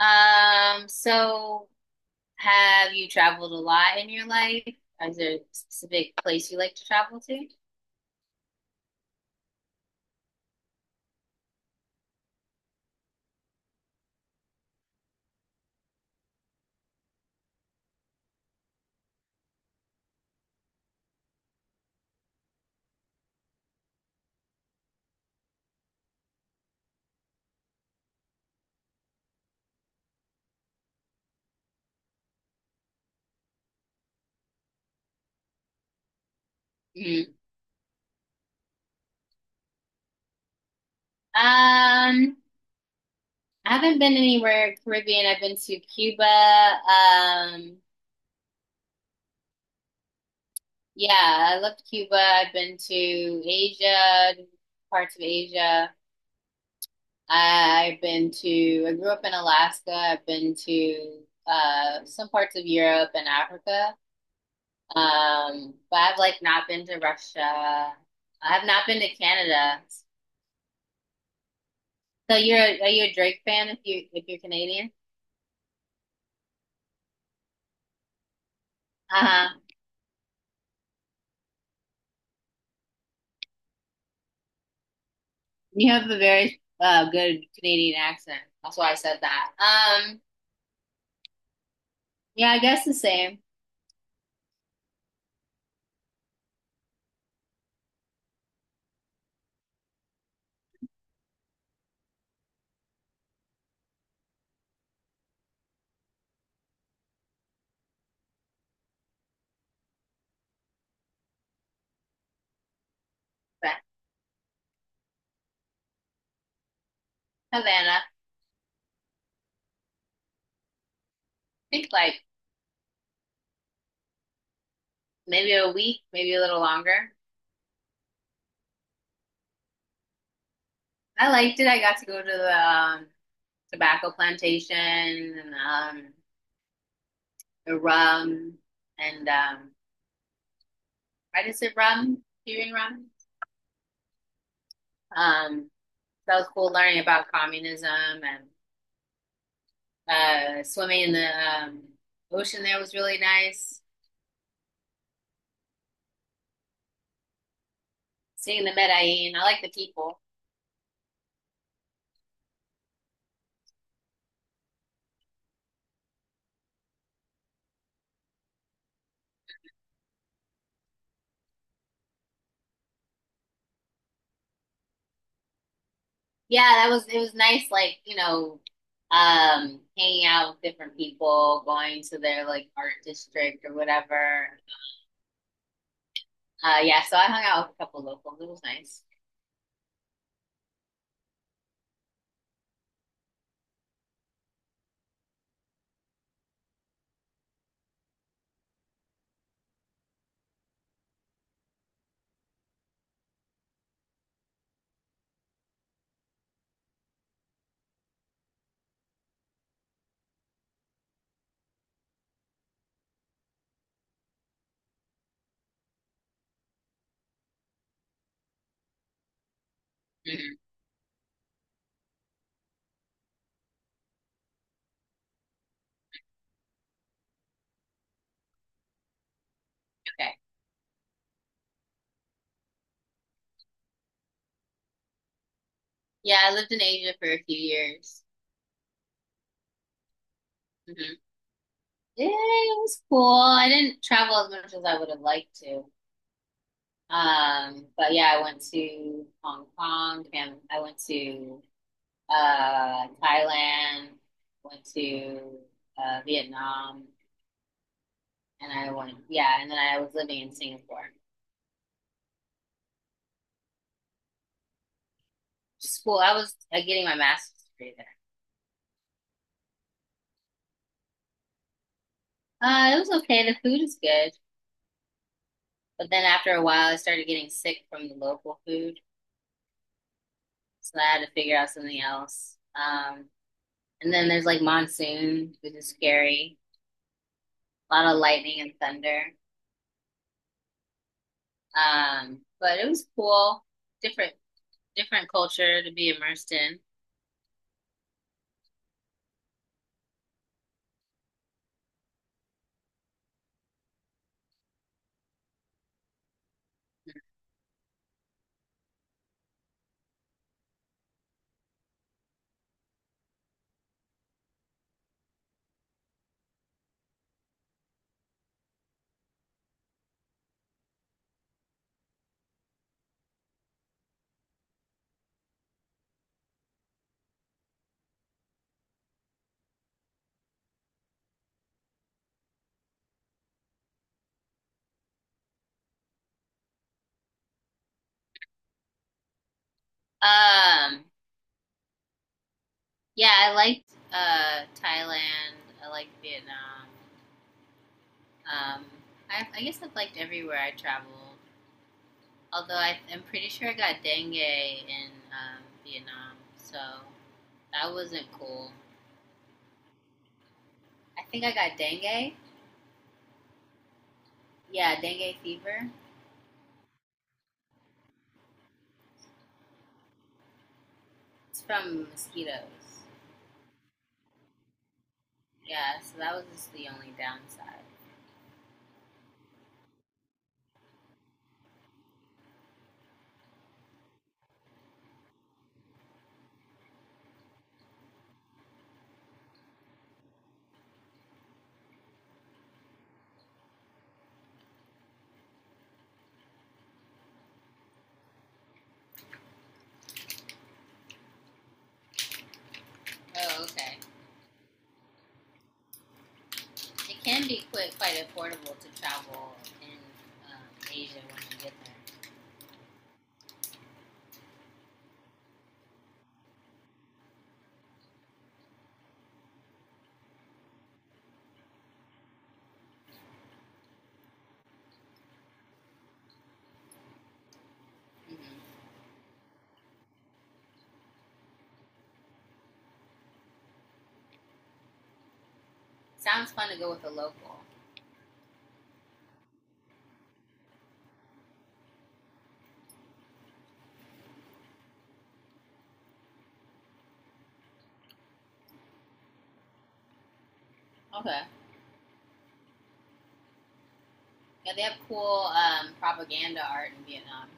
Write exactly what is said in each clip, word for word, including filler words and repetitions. Um, so have you traveled a lot in your life? Is there a specific place you like to travel to? Mhm. Um, I haven't been anywhere Caribbean. I've been to Cuba. Um, yeah, I loved Cuba. I've been to Asia, parts of Asia. I've been to, I grew up in Alaska. I've been to uh, some parts of Europe and Africa. Um, but I've like not been to Russia. I've not been to Canada. So you're are you a Drake fan if you if you're Canadian? Uh-huh. You have a very uh good Canadian accent. That's why I said that. Um, yeah, I guess the same. But Havana, I think like maybe a week, maybe a little longer. I liked it. I got to go to the um, tobacco plantation and um the rum and um why does it rum? Cuban rum? Um that was cool learning about communism and uh, swimming in the um, ocean there was really nice. Seeing the Medellin, I like the people. Yeah, that was it was nice. Like you know, um, hanging out with different people, going to their like art district or whatever. Uh, yeah, so I hung out with a couple locals. It was nice. Mhm. Okay. Yeah, I lived in Asia for a few years. hmm Yeah, it was cool. I didn't travel as much as I would have liked to. Um, but yeah, I went to Hong Kong, Japan. I went to uh, Thailand, went to uh, Vietnam, and I went, yeah, and then I was living in Singapore. School, I was uh, getting my master's degree there. Uh, it was okay. The food is good. But then after a while, I started getting sick from the local food. So I had to figure out something else. Um, and then there's like monsoon, which is scary. A lot of lightning and thunder. Um, but it was cool, different different culture to be immersed in. Um, yeah, I liked uh, Thailand. I liked Vietnam. Um, I, I guess I've liked everywhere I traveled. Although I, I'm pretty sure I got dengue in um, Vietnam, so that wasn't cool. I think I got dengue. Yeah, dengue fever. It's from mosquitoes. Yeah, so that was just the only downside. Oh, okay. It can be quite quite affordable to travel in um, Asia when you get there. hmm Sounds fun to go with a local. Okay. Yeah, they have cool um, propaganda art in Vietnam.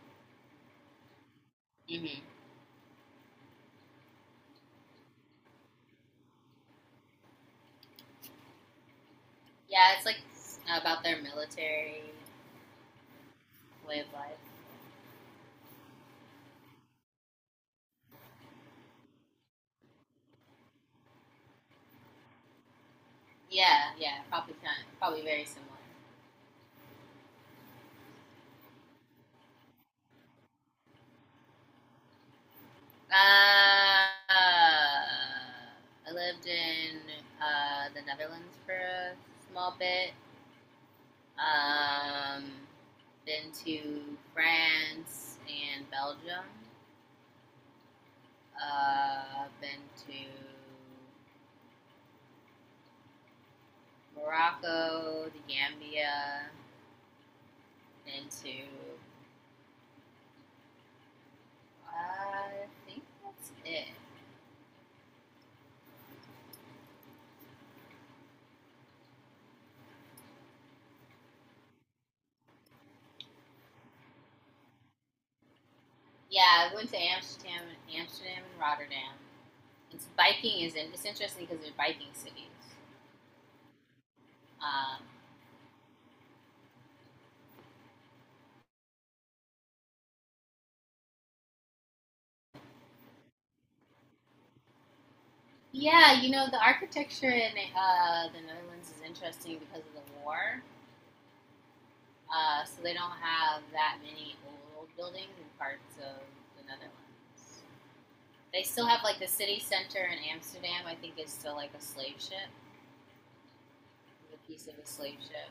hmm Yeah, it's like about their military way of life. Yeah, yeah, probably kind of, probably very similar. Uh, uh, I lived in uh, the Netherlands for a small bit. Um, been to France and Belgium. Uh, been to Morocco, the Gambia. Been to uh, I think that's it. Yeah, I went to Amsterdam, Amsterdam and Rotterdam. It's biking is in, it's interesting because they're biking cities. Um, yeah, you know the architecture in uh, the Netherlands is interesting because of the war. Uh, so they don't have that many old buildings in parts of the Netherlands. They still have like the city center in Amsterdam. I think is still like a slave ship, a piece of a slave ship,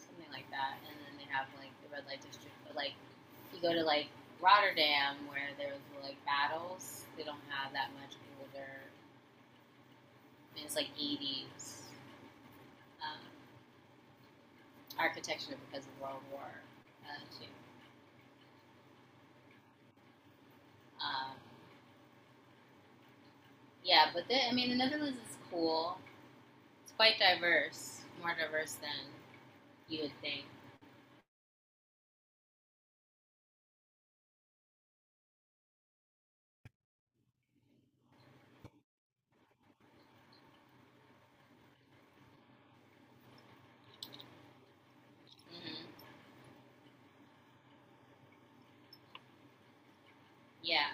something like that. And then they have like the red light district. But like if you go to like Rotterdam, where there was like battles, they don't have that much older. I mean, it's like eighties um, architecture because of World War uh, Two. Um, yeah, but the, I mean the Netherlands is cool. It's quite diverse, more diverse than you would think. hmm Yeah,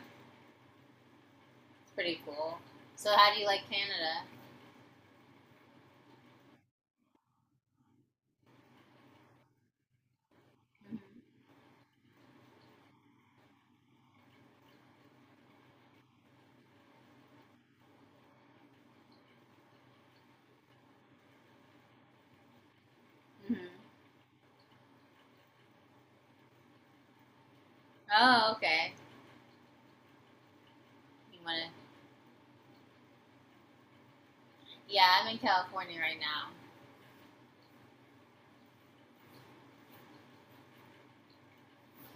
it's pretty cool. So, how do you like Canada? hmm hmm Oh, okay. You wanna? Yeah, I'm in California right now.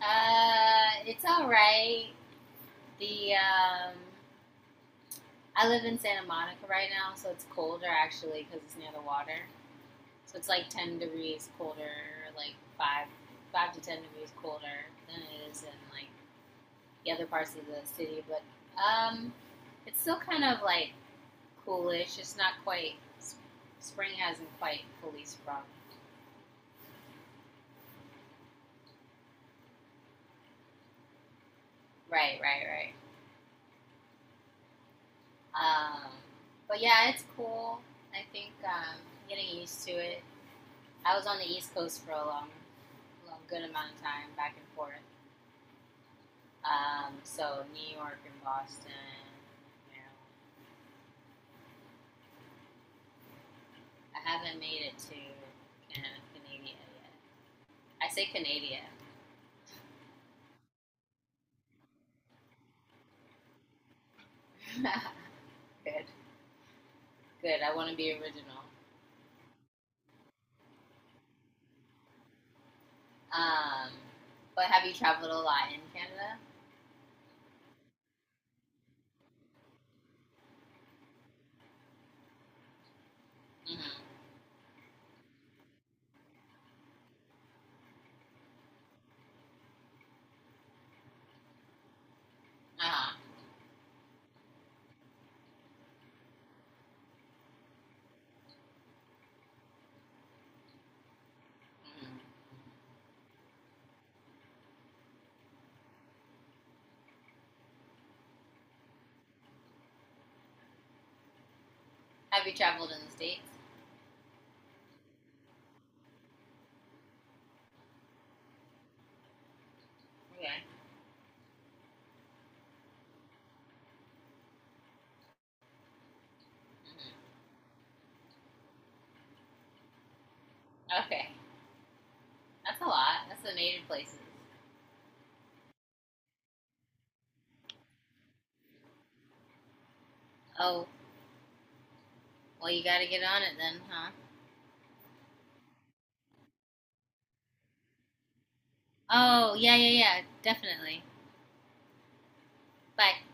Uh, it's all right. The um, I live in Santa Monica right now, so it's colder actually because it's near the water. So it's like ten degrees colder, like five five to ten degrees colder than it is in like the other parts of the city. But um, It's still kind of like coolish. It's not quite. Spring hasn't quite fully sprung. Right, right, right. Um, but yeah, it's cool. I think um, Getting used to it. I was on the East Coast for a long, long good amount of time, back and forth. Um, so New York and Boston. You know, I haven't made it to Canada, Canada yet. I say Canada. Good, good. I want to be original. Um, but have you traveled a lot in Canada? Mm-hmm. Uh-huh. Mm-hmm. Have you traveled in the States? Okay. hmm Okay. That's a lot. That's the major places. Oh, well, you gotta get on it then, huh? Oh, yeah, yeah, yeah. Definitely. Bye.